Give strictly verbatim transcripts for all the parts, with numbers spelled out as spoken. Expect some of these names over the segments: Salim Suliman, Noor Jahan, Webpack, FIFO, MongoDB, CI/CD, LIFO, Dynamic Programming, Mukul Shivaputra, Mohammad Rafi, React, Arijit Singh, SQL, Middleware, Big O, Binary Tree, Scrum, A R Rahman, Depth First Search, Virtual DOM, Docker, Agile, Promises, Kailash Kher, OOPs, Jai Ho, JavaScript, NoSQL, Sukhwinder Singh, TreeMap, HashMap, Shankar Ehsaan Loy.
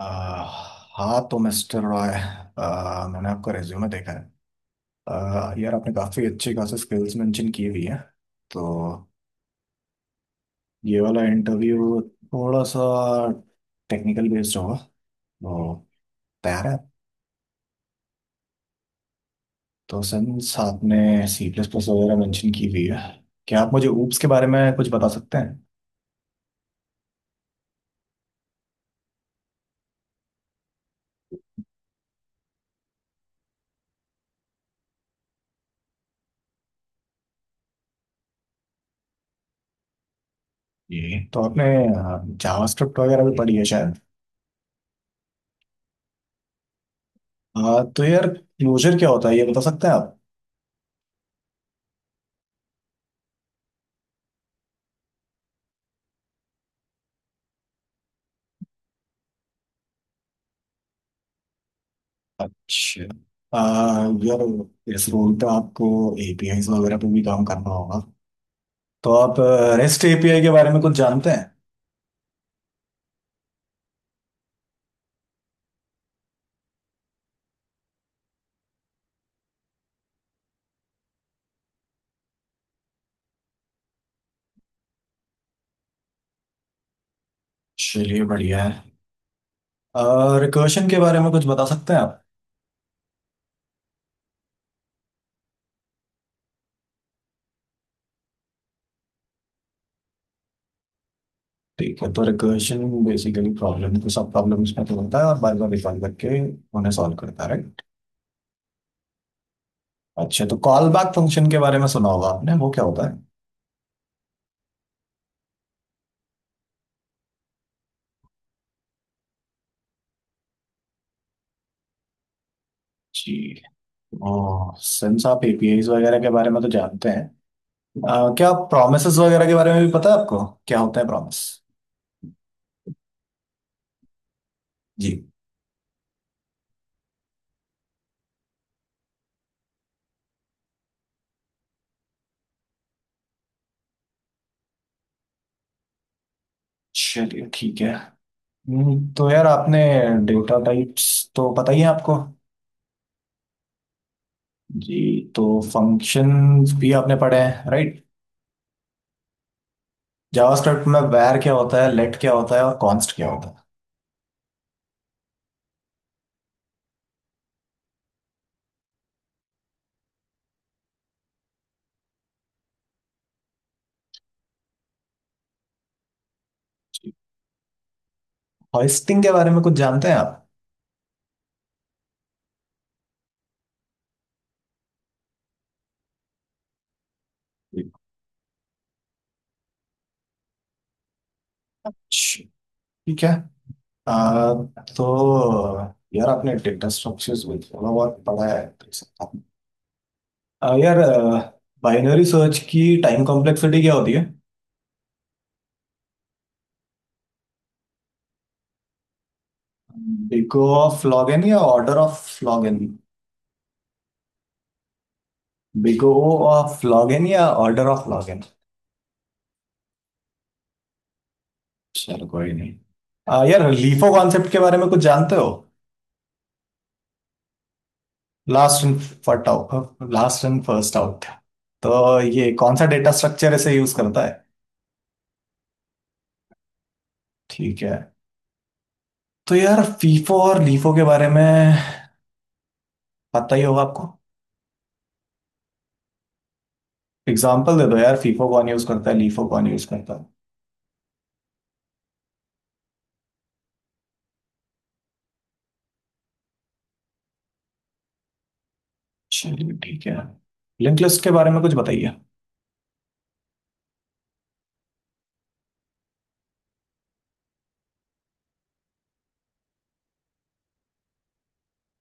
अह, हाँ तो मिस्टर रॉय। अह, मैंने आपका रिज्यूमे देखा है। अह, यार आपने काफ़ी अच्छी खासी स्किल्स मेंशन की हुई है। तो ये वाला इंटरव्यू थोड़ा सा टेक्निकल बेस्ड होगा, तो तैयार है? तो सिंस आपने सी प्लस प्लस वगैरह मेंशन की हुई है, क्या आप मुझे ऊप्स के बारे में कुछ बता सकते हैं? ये तो आपने जावास्क्रिप्ट वगैरह भी पढ़ी है शायद। अह, तो यार क्लोजर क्या होता है ये बता सकते हैं आप? अच्छा। आ, यार इस रोल पे आपको एपीआईज वगैरह पे भी काम करना होगा, तो आप रेस्ट एपीआई के बारे में कुछ जानते हैं? चलिए बढ़िया है। रिकर्शन के बारे में कुछ बता सकते हैं आप? ठीक है, तो रिकर्शन बेसिकली प्रॉब्लम को सब प्रॉब्लम्स में तो होता है और बार बार रिकॉल करके उन्हें सॉल्व करता है, राइट? अच्छा, तो कॉल बैक फंक्शन के बारे में सुना होगा आपने, वो क्या होता है? जी। ओ सिंस आप एपीआईज वगैरह के बारे में तो जानते हैं, अ, क्या प्रॉमिसेस वगैरह के बारे में भी पता है आपको? क्या होता है प्रॉमिस? जी। चलिए ठीक है। हम्म, तो यार आपने डेटा टाइप्स तो पता ही है आपको। जी। तो फंक्शंस भी आपने पढ़े हैं, राइट? जावास्क्रिप्ट में वैर क्या होता है, लेट क्या होता है और कॉन्स्ट क्या होता है? जी। होस्टिंग के बारे में कुछ जानते हैं आप? जी। च- ठीक है। आ, तो यार आपने डेटा स्ट्रक्चर्स भी थोड़ा बहुत पढ़ा है तो इस- आ, यार बाइनरी सर्च की टाइम कॉम्प्लेक्सिटी क्या होती है? Big O of log n या order of log n? Big O of log n या ऑर्डर ऑफ लॉगिन? चलो कोई नहीं। आ, यार लीफो कॉन्सेप्ट के बारे में कुछ जानते हो? Last in first out, last in first out, तो ये कौन सा डेटा स्ट्रक्चर ऐसे यूज करता है? ठीक है। तो यार फीफो और लीफो के बारे में पता ही होगा आपको। एग्जाम्पल दे दो यार, फीफो कौन यूज करता है, लीफो कौन यूज करता है? चलिए ठीक है। लिंक लिस्ट के बारे में कुछ बताइए।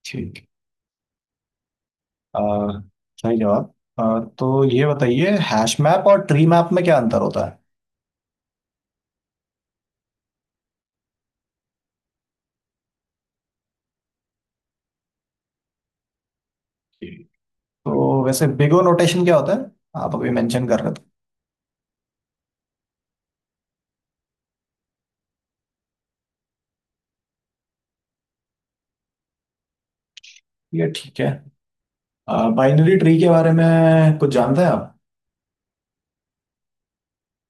ठीक है। अह, सही जवाब। अह, तो ये बताइए हैश मैप और ट्री मैप में क्या अंतर होता है? जी। तो वैसे बिग ओ नोटेशन क्या होता है, आप अभी मेंशन कर रहे थे? ये ठीक है। बाइनरी ट्री के बारे में कुछ जानते हैं आप?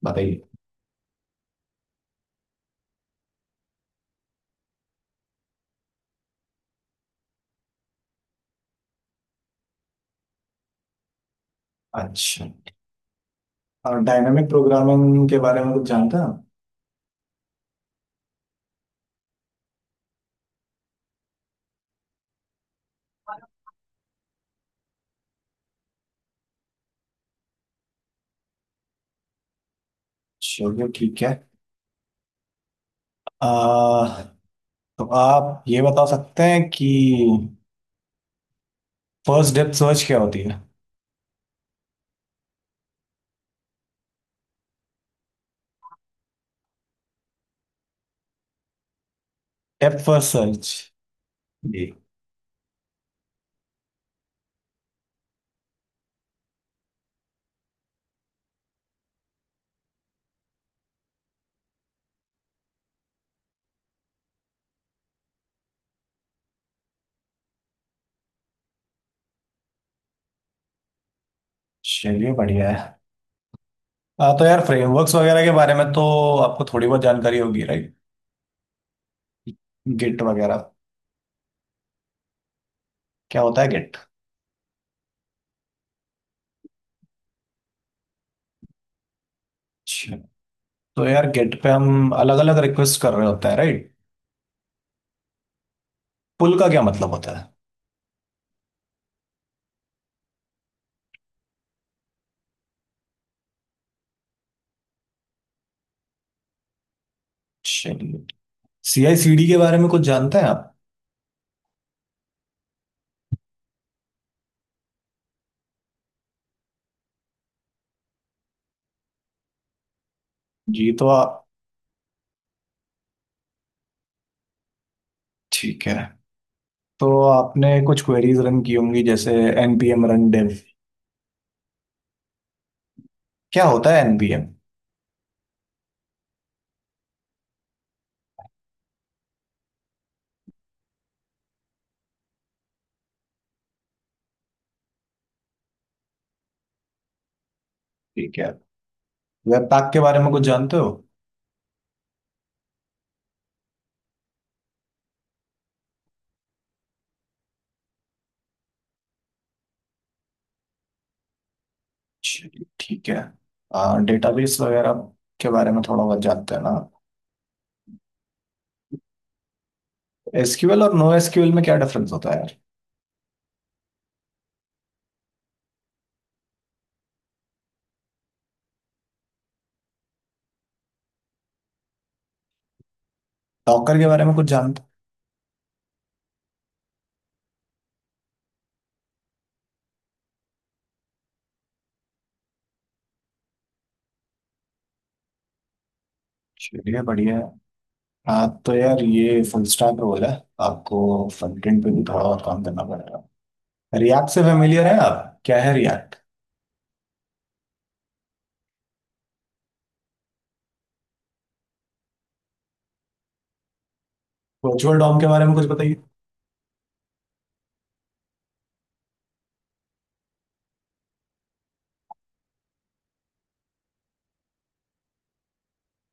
बताइए। अच्छा। और डायनामिक प्रोग्रामिंग के बारे में कुछ जानते हैं आप? चलिए ठीक है। अह, तो आप ये बता सकते हैं कि फर्स्ट डेप्थ सर्च क्या होती है? Depth first search. जी। चलिए बढ़िया है। हाँ, तो यार फ्रेमवर्क्स वगैरह के बारे में तो आपको थोड़ी बहुत जानकारी होगी, राइट? गिट वगैरह। क्या होता है गिट? अच्छा। तो यार गिट पे हम अलग अलग रिक्वेस्ट कर रहे होते हैं, राइट? पुल का क्या मतलब होता है? चलिए। सी आई सी डी के बारे में कुछ जानते हैं आप? जी। तो आप, ठीक है। तो आपने कुछ क्वेरीज रन की होंगी जैसे npm run dev। क्या होता है npm? ठीक है। वेब पैक के बारे में कुछ जानते हो? चलिए ठीक है। डेटाबेस वगैरह के बारे में थोड़ा बहुत जानते हैं ना। एसक्यूएल और नो एसक्यूएल में क्या डिफरेंस होता है यार? डॉकर के बारे में कुछ जानते हो? चलिए बढ़िया है। हाँ, तो यार ये फुल स्टैक रोल है, आपको फ्रंट एंड पे भी थोड़ा और काम करना पड़ेगा। रिएक्ट से फेमिलियर है आप? क्या है रिएक्ट? वर्चुअल डॉम के बारे में कुछ बताइए।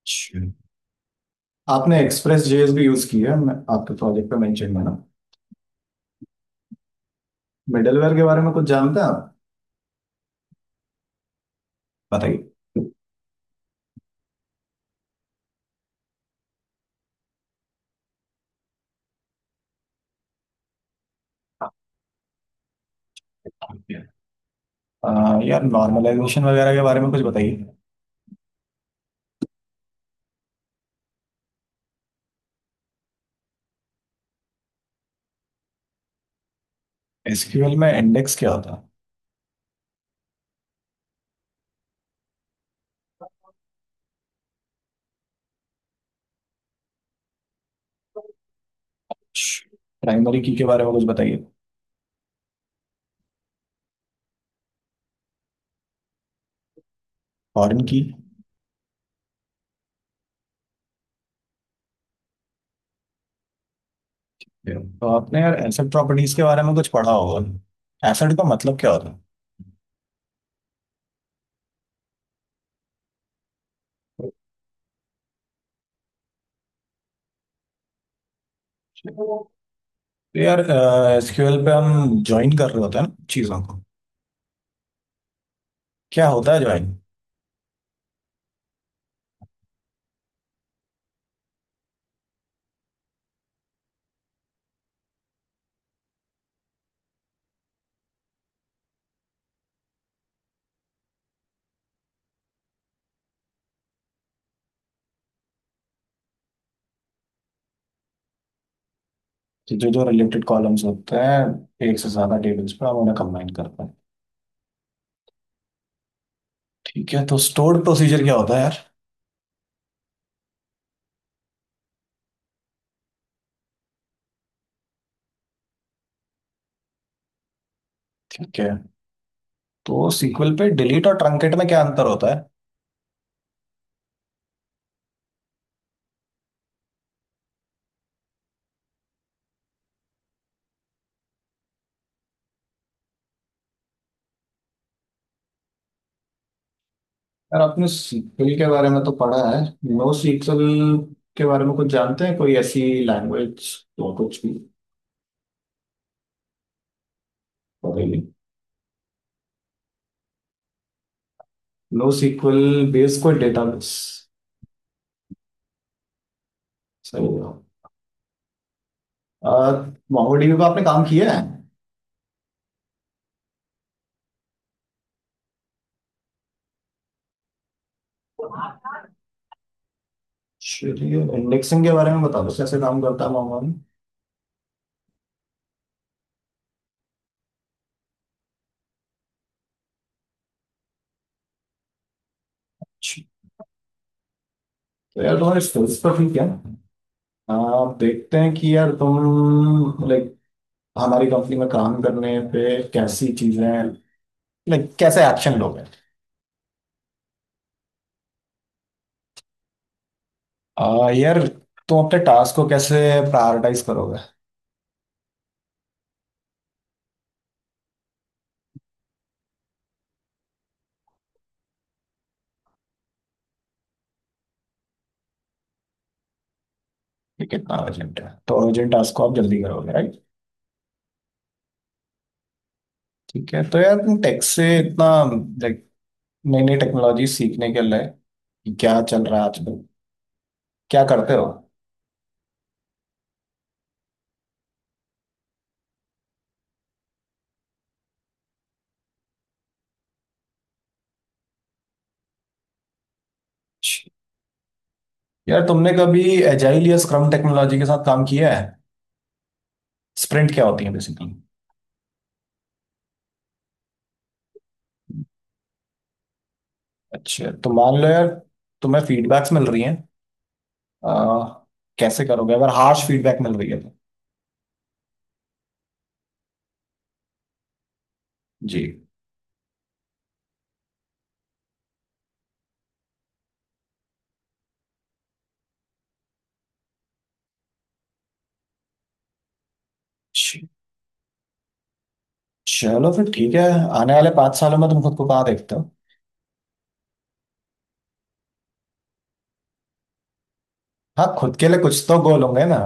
अच्छा। आपने एक्सप्रेस जेएस भी यूज की है मैं- आपके प्रोजेक्ट पे मेंशन है ना। मिडलवेयर के बारे में कुछ जानते हैं आप? बताइए। आ, यार नॉर्मलाइजेशन वगैरह के बारे में कुछ बताइए। एसक्यूएल में इंडेक्स क्या होता है? प्राइमरी की के बारे में कुछ बताइए। फॉरेन की। Yeah. तो आपने यार एसेट प्रॉपर्टीज के बारे में कुछ पढ़ा होगा, एसेट का मतलब क्या होता है? तो यार एसक्यूएल पे हम ज्वाइन कर रहे होते हैं ना चीजों को। क्या होता है ज्वाइन? जो जो रिलेटेड कॉलम्स होते हैं एक से ज्यादा टेबल्स पे, हम उन्हें कंबाइन करते हैं। ठीक है, तो स्टोर्ड प्रोसीजर क्या होता है यार? ठीक है। तो सीक्वल पे डिलीट और ट्रंकेट में क्या अंतर होता है? यार आपने सीक्वल के बारे में तो पढ़ा है, नो सीक्वल के बारे में कुछ जानते हैं? कोई ऐसी लैंग्वेज तो कुछ भी पता ही नहीं। NoSQL बेस्ड कोई डेटाबेस? सही है। मोंगोडीबी पे आपने काम किया है? चलिए इंडेक्सिंग के बारे में बता दो, कैसे काम करता है मोंगोडीबी। तो यार तुम्हारे स्किल्स तो ठीक है। आप देखते हैं कि यार तुम लाइक हमारी कंपनी में काम करने पे कैसी चीजें, लाइक कैसे एक्शन लोगे? आ, यार तुम अपने टास्क को कैसे प्रायोरिटाइज करोगे? ये कितना अर्जेंट है, तो अर्जेंट टास्क को आप जल्दी करोगे, राइट? ठीक है। तो यार तुम टेक से इतना, लाइक नई नई टेक्नोलॉजी सीखने के लिए कि क्या चल रहा है आजकल, क्या करते हो? अच्छा। यार तुमने कभी एजाइल या स्क्रम टेक्नोलॉजी के साथ काम किया है? स्प्रिंट क्या होती है बेसिकली? अच्छा, तो मान लो यार तुम्हें फीडबैक्स मिल रही हैं, आ, कैसे करोगे अगर हार्श फीडबैक मिल रही है तो? जी। च- चलो फिर ठीक है। आने वाले पाँच सालों में तुम खुद को कहाँ देखते हो? हाँ खुद के लिए कुछ तो गोल होंगे ना।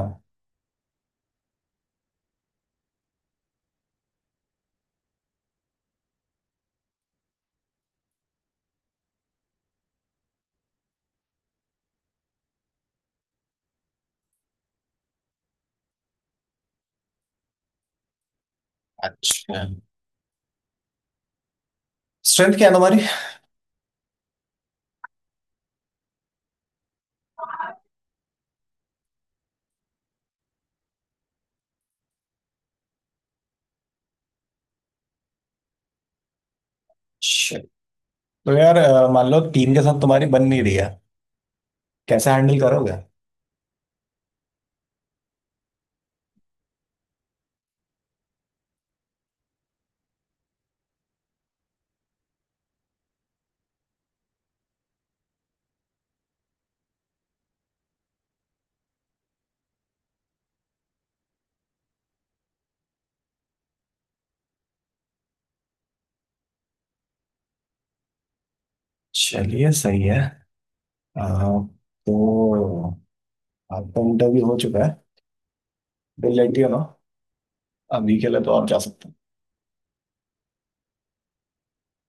अच्छा। स्ट्रेंथ क्या है तुम्हारी? अच्छा। तो यार अ, मान लो टीम के साथ तुम्हारी बन नहीं रही है, कैसे हैंडल करोगे? चलिए सही है। आ, तो आपका इंटरव्यू हो चुका है, दिल लेटी हो ना। अभी के लिए तो आप जा सकते हो।